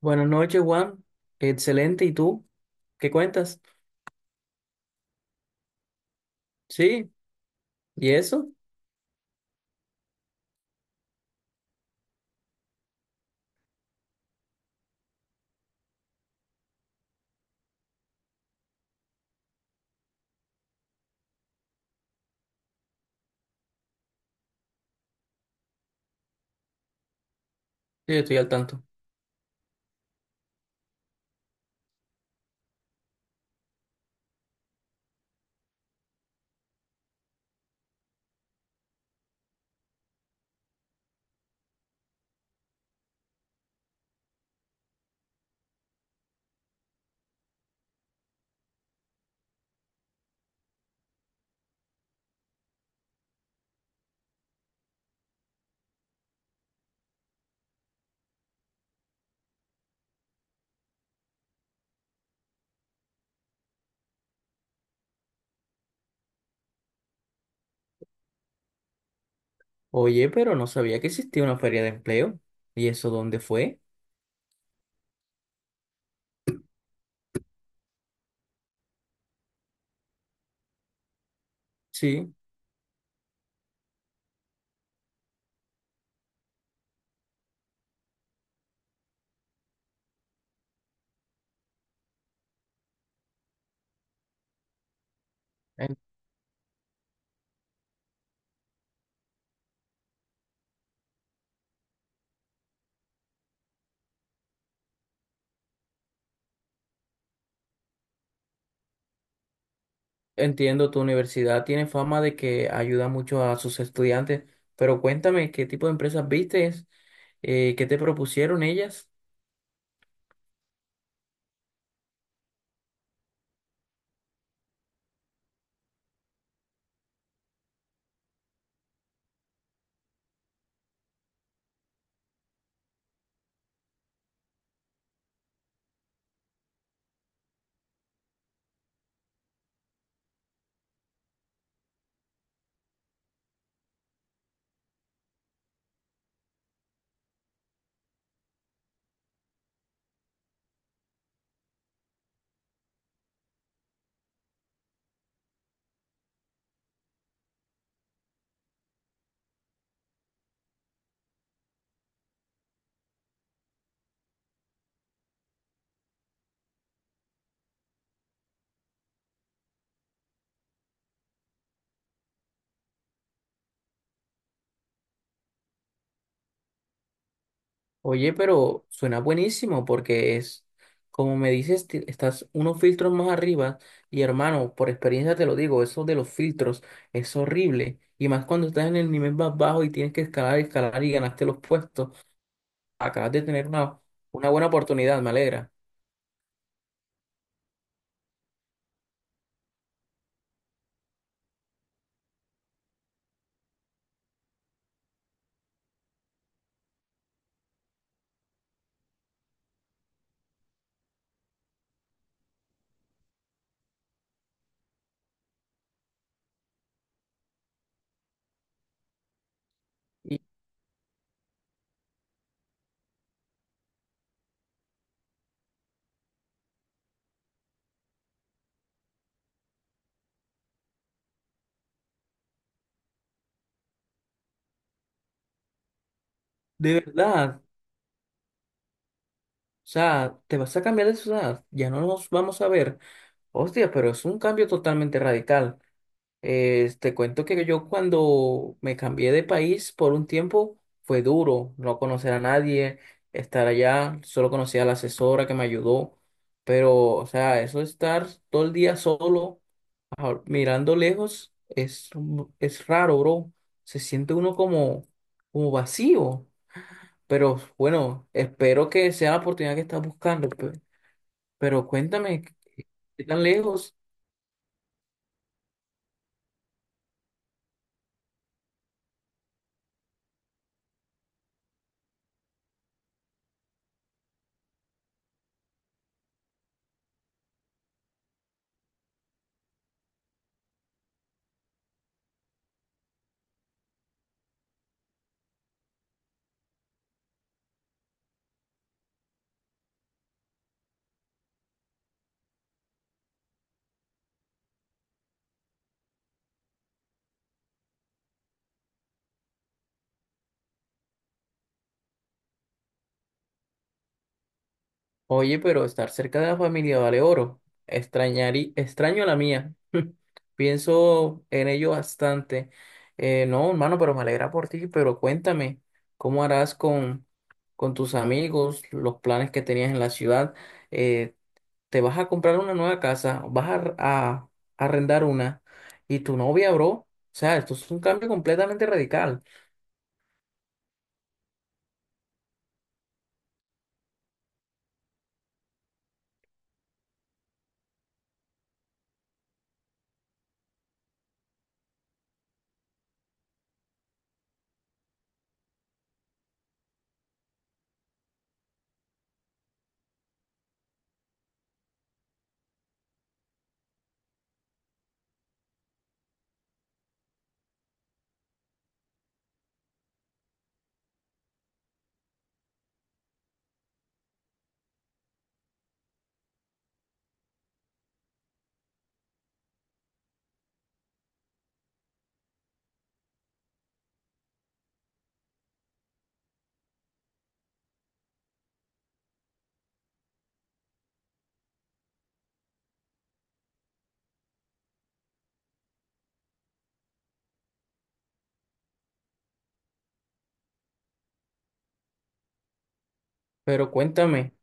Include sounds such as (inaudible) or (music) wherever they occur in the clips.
Buenas noches, Juan. Excelente. ¿Y tú? ¿Qué cuentas? Sí. ¿Y eso? Sí, estoy al tanto. Oye, pero no sabía que existía una feria de empleo. ¿Y eso dónde fue? Sí. Entiendo, tu universidad tiene fama de que ayuda mucho a sus estudiantes, pero cuéntame, ¿qué tipo de empresas viste? ¿Qué te propusieron ellas? Oye, pero suena buenísimo porque es, como me dices, estás unos filtros más arriba y hermano, por experiencia te lo digo, eso de los filtros es horrible. Y más cuando estás en el nivel más bajo y tienes que escalar, escalar y ganaste los puestos, acabas de tener una buena oportunidad, me alegra. Y de verdad, o sea, te vas a cambiar de ciudad, ya no nos vamos a ver. Hostia, pero es un cambio totalmente radical. Te cuento que yo cuando me cambié de país por un tiempo fue duro, no conocer a nadie, estar allá, solo conocía a la asesora que me ayudó, pero o sea, eso de estar todo el día solo, mirando lejos, es, es raro, bro. Se siente uno como, como vacío, pero bueno, espero que sea la oportunidad que estás buscando. Pero cuéntame, ¿qué tan lejos? Oye, pero estar cerca de la familia vale oro. Extraño a la mía. (laughs) Pienso en ello bastante. No, hermano, pero me alegra por ti. Pero cuéntame, ¿cómo harás con tus amigos, los planes que tenías en la ciudad? Eh, ¿Te vas a comprar una nueva casa? ¿Vas a arrendar una? ¿Y tu novia, bro? O sea, esto es un cambio completamente radical. Pero cuéntame.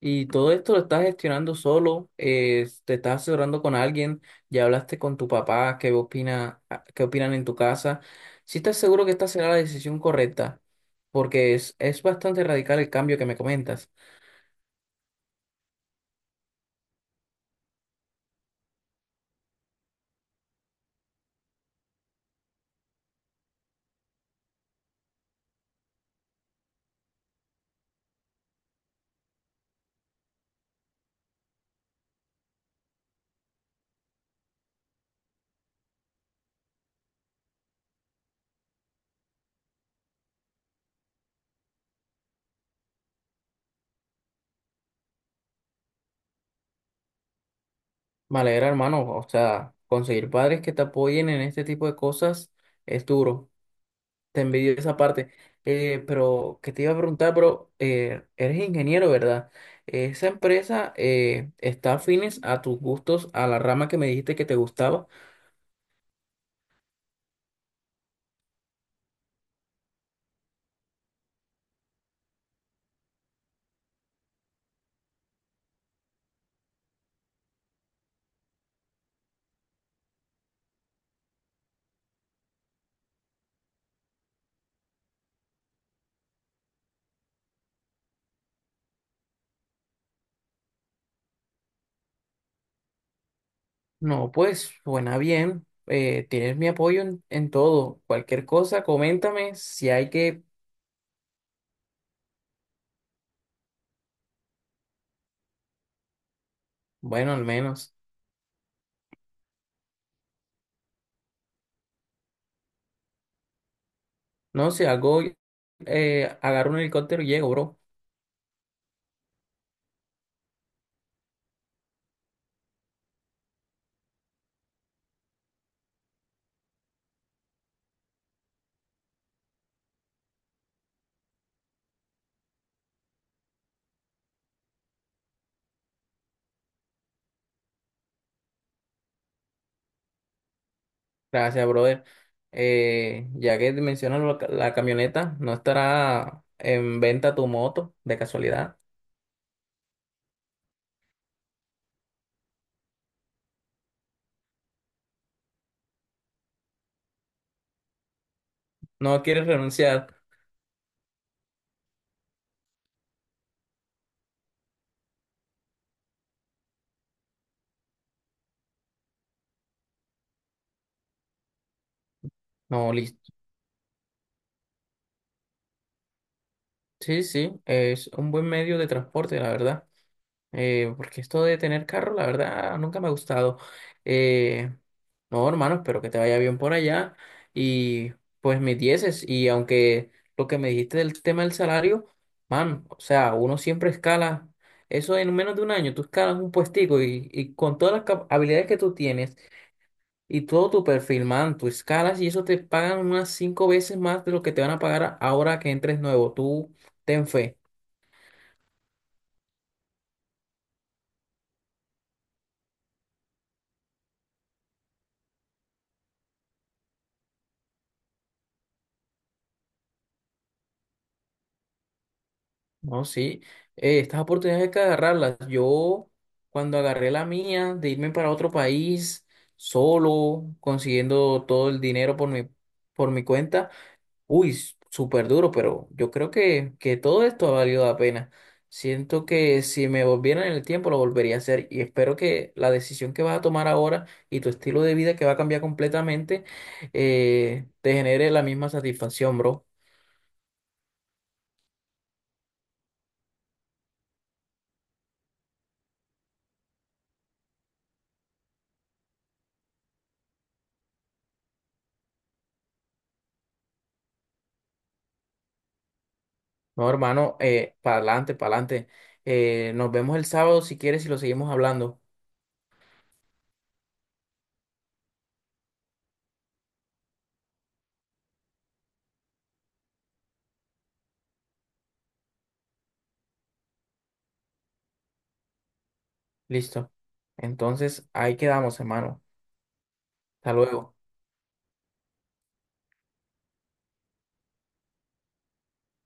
Y todo esto lo estás gestionando solo, te estás asesorando con alguien, ya hablaste con tu papá, qué opina, qué opinan en tu casa. Si estás seguro que esta será la decisión correcta, porque es bastante radical el cambio que me comentas. Me alegra, hermano, o sea, conseguir padres que te apoyen en este tipo de cosas es duro. Te envidio esa parte. Pero que te iba a preguntar, bro, eres ingeniero, ¿verdad? ¿Esa empresa está afines a tus gustos, a la rama que me dijiste que te gustaba? No, pues suena bien. Eh, tienes mi apoyo en todo. Cualquier cosa, coméntame si hay que, bueno, al menos. No, si hago, agarro un helicóptero y llego, bro. Gracias, brother. Ya que mencionas la camioneta, ¿no estará en venta tu moto de casualidad? No quieres renunciar. No, listo. Sí, sí, es un buen medio de transporte, la verdad. Porque esto de tener carro, la verdad, nunca me ha gustado. Eh, no, hermano, espero que te vaya bien por allá. Y pues mis dieces. Y aunque lo que me dijiste del tema del salario, man, o sea, uno siempre escala. Eso en menos de un año, tú escalas un puestico y con todas las habilidades que tú tienes y todo tu perfil, man, tus escalas, y eso te pagan unas cinco veces más de lo que te van a pagar ahora que entres nuevo. Tú ten fe, ¿no? Sí, estas oportunidades hay que agarrarlas. Yo, cuando agarré la mía de irme para otro país solo, consiguiendo todo el dinero por mi cuenta, Uy, súper duro, pero yo creo que todo esto ha valido la pena. Siento que si me volviera en el tiempo lo volvería a hacer y espero que la decisión que vas a tomar ahora y tu estilo de vida que va a cambiar completamente te genere la misma satisfacción, bro. No, hermano, para adelante, para adelante. Nos vemos el sábado si quieres y lo seguimos hablando. Listo. Entonces, ahí quedamos, hermano. Hasta luego.